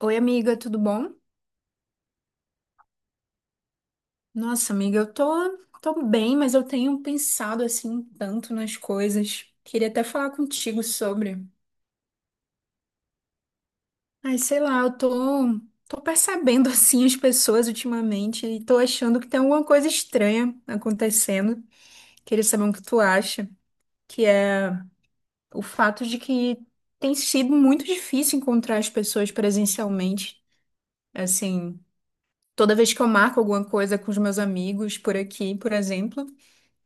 Oi, amiga, tudo bom? Nossa, amiga, eu tô bem, mas eu tenho pensado assim tanto nas coisas. Queria até falar contigo sobre. Ai, sei lá, eu tô percebendo assim as pessoas ultimamente e tô achando que tem alguma coisa estranha acontecendo. Queria saber o que tu acha, que é o fato de que tem sido muito difícil encontrar as pessoas presencialmente. Assim, toda vez que eu marco alguma coisa com os meus amigos por aqui, por exemplo.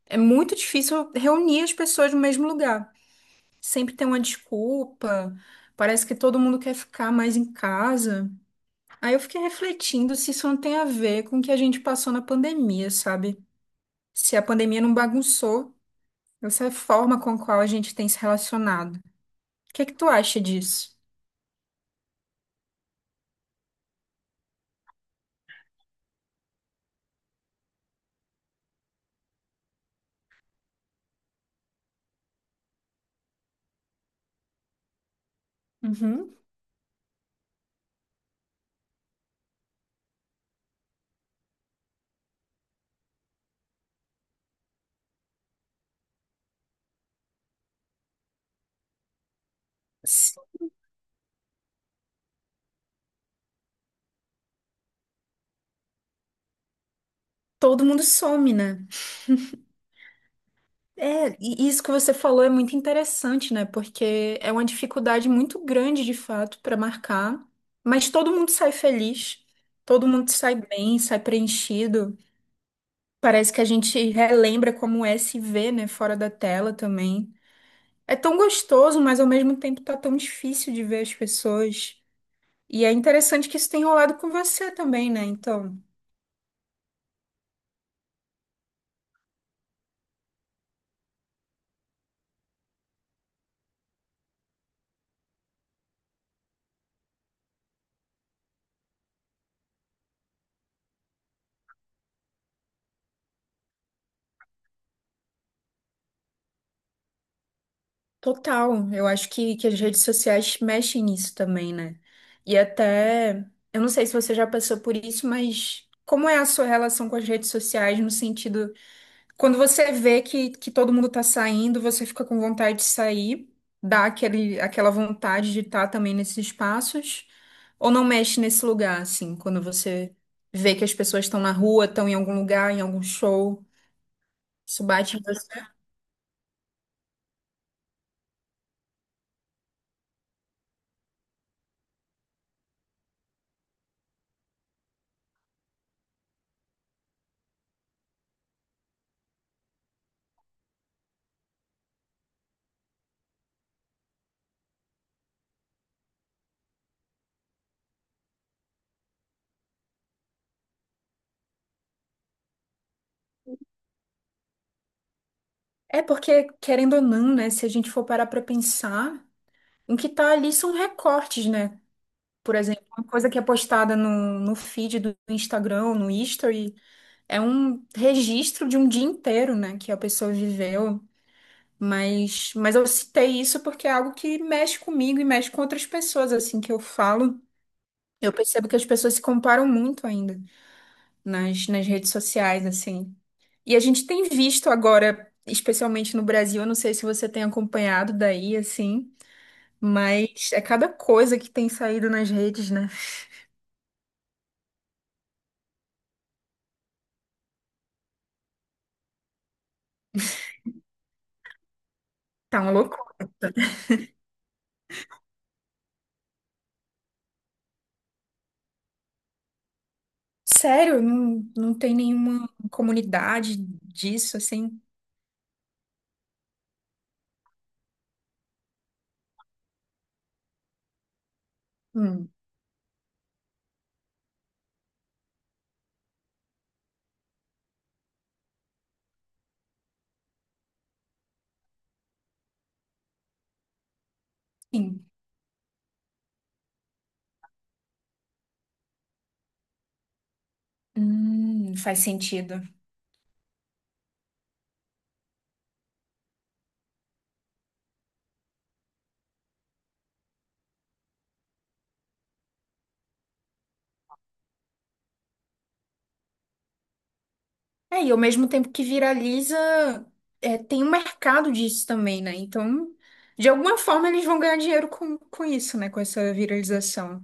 É muito difícil reunir as pessoas no mesmo lugar. Sempre tem uma desculpa, parece que todo mundo quer ficar mais em casa. Aí eu fiquei refletindo se isso não tem a ver com o que a gente passou na pandemia, sabe? Se a pandemia não bagunçou essa forma com a qual a gente tem se relacionado. O que é que tu acha disso? Uhum. Se todo mundo some, né? É, e isso que você falou é muito interessante, né? Porque é uma dificuldade muito grande, de fato, para marcar, mas todo mundo sai feliz, todo mundo sai bem, sai preenchido. Parece que a gente relembra como é se ver, né, fora da tela também. É tão gostoso, mas ao mesmo tempo tá tão difícil de ver as pessoas. E é interessante que isso tem rolado com você também, né? Então. Total, eu acho que as redes sociais mexem nisso também, né? E até, eu não sei se você já passou por isso, mas como é a sua relação com as redes sociais no sentido, quando você vê que todo mundo tá saindo, você fica com vontade de sair, dá aquela vontade de estar também nesses espaços, ou não mexe nesse lugar, assim, quando você vê que as pessoas estão na rua, estão em algum lugar, em algum show, isso bate em você. É porque, querendo ou não, né, se a gente for parar pra pensar. O que tá ali são recortes, né? Por exemplo, uma coisa que é postada no feed do Instagram, no History, é um registro de um dia inteiro, né? Que a pessoa viveu. Mas eu citei isso porque é algo que mexe comigo e mexe com outras pessoas, assim, que eu falo. Eu percebo que as pessoas se comparam muito ainda nas redes sociais, assim. E a gente tem visto agora, especialmente no Brasil, eu não sei se você tem acompanhado daí, assim. Mas é cada coisa que tem saído nas redes, né? Tá uma loucura. Sério, não tem nenhuma comunidade disso, assim? Hum, sim. Faz sentido. É, e ao mesmo tempo que viraliza, é, tem um mercado disso também, né? Então, de alguma forma, eles vão ganhar dinheiro com isso, né? Com essa viralização.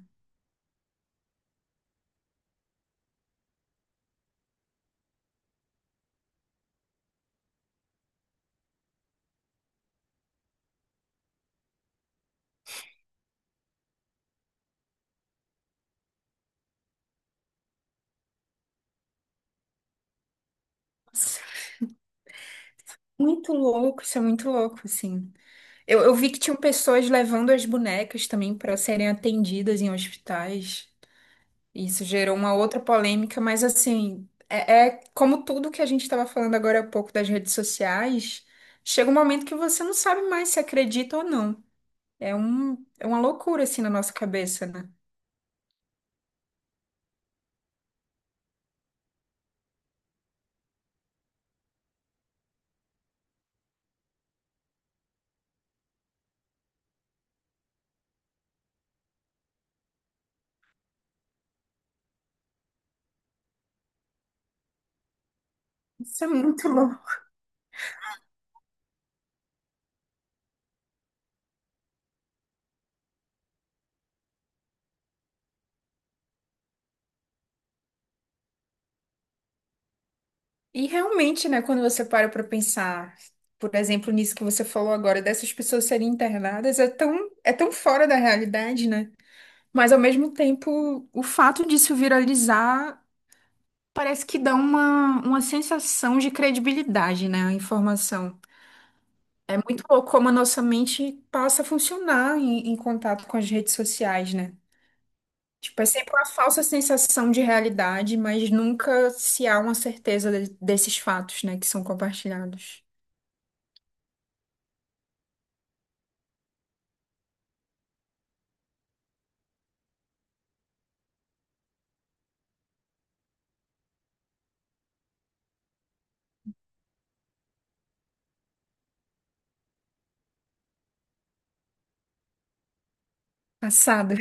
Nossa, muito louco, isso é muito louco, assim. Eu vi que tinham pessoas levando as bonecas também para serem atendidas em hospitais. Isso gerou uma outra polêmica, mas assim, é, é como tudo que a gente estava falando agora há pouco das redes sociais, chega um momento que você não sabe mais se acredita ou não. É um, é uma loucura assim na nossa cabeça, né? Isso é muito louco. E realmente, né, quando você para para pensar, por exemplo, nisso que você falou agora, dessas pessoas serem internadas, é tão fora da realidade, né? Mas ao mesmo tempo, o fato disso viralizar parece que dá uma sensação de credibilidade, né, a informação. É muito louco como a nossa mente passa a funcionar em contato com as redes sociais, né? Tipo, é sempre uma falsa sensação de realidade, mas nunca se há uma certeza desses fatos, né, que são compartilhados. Passado.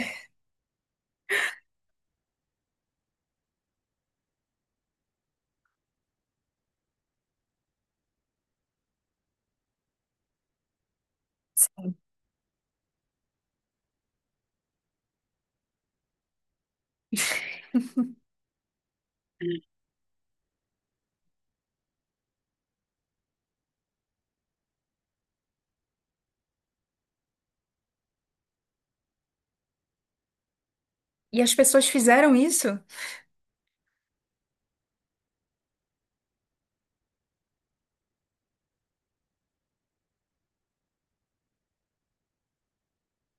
E as pessoas fizeram isso?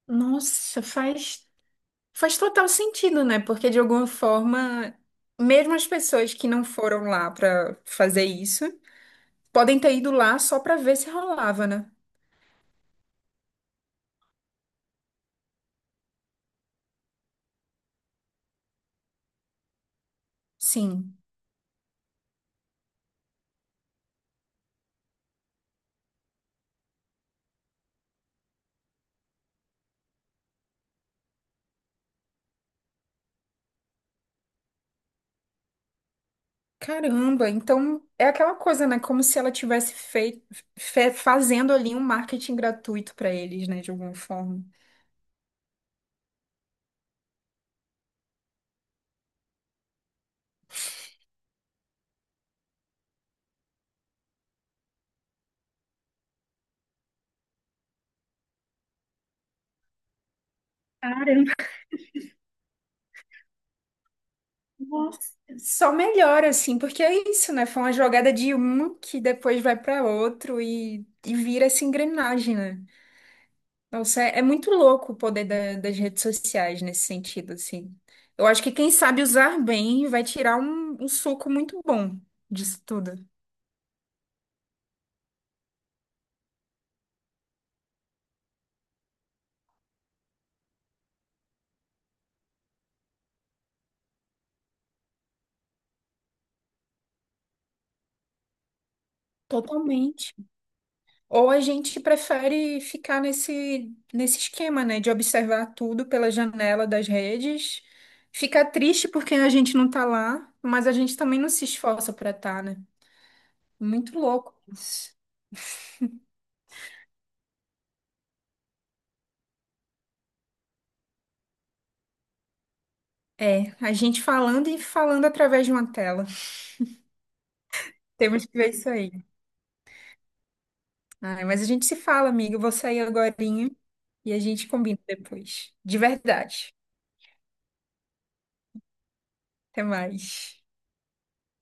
Nossa, faz total sentido, né? Porque de alguma forma, mesmo as pessoas que não foram lá para fazer isso, podem ter ido lá só pra ver se rolava, né? Sim. Caramba, então é aquela coisa, né? Como se ela tivesse feito, fazendo ali um marketing gratuito pra eles, né? De alguma forma. Caramba. Nossa. Só melhora, assim, porque é isso, né? Foi uma jogada de um que depois vai pra outro e vira essa engrenagem, né? Nossa, é, é muito louco o poder das redes sociais nesse sentido, assim. Eu acho que quem sabe usar bem vai tirar um suco muito bom disso tudo. Totalmente. Ou a gente prefere ficar nesse esquema, né, de observar tudo pela janela das redes, ficar triste porque a gente não tá lá, mas a gente também não se esforça para estar, tá, né? Muito louco isso. É, a gente falando e falando através de uma tela. Temos que ver isso aí. Ai, mas a gente se fala, amiga. Eu vou sair agorinha e a gente combina depois. De verdade. Até mais.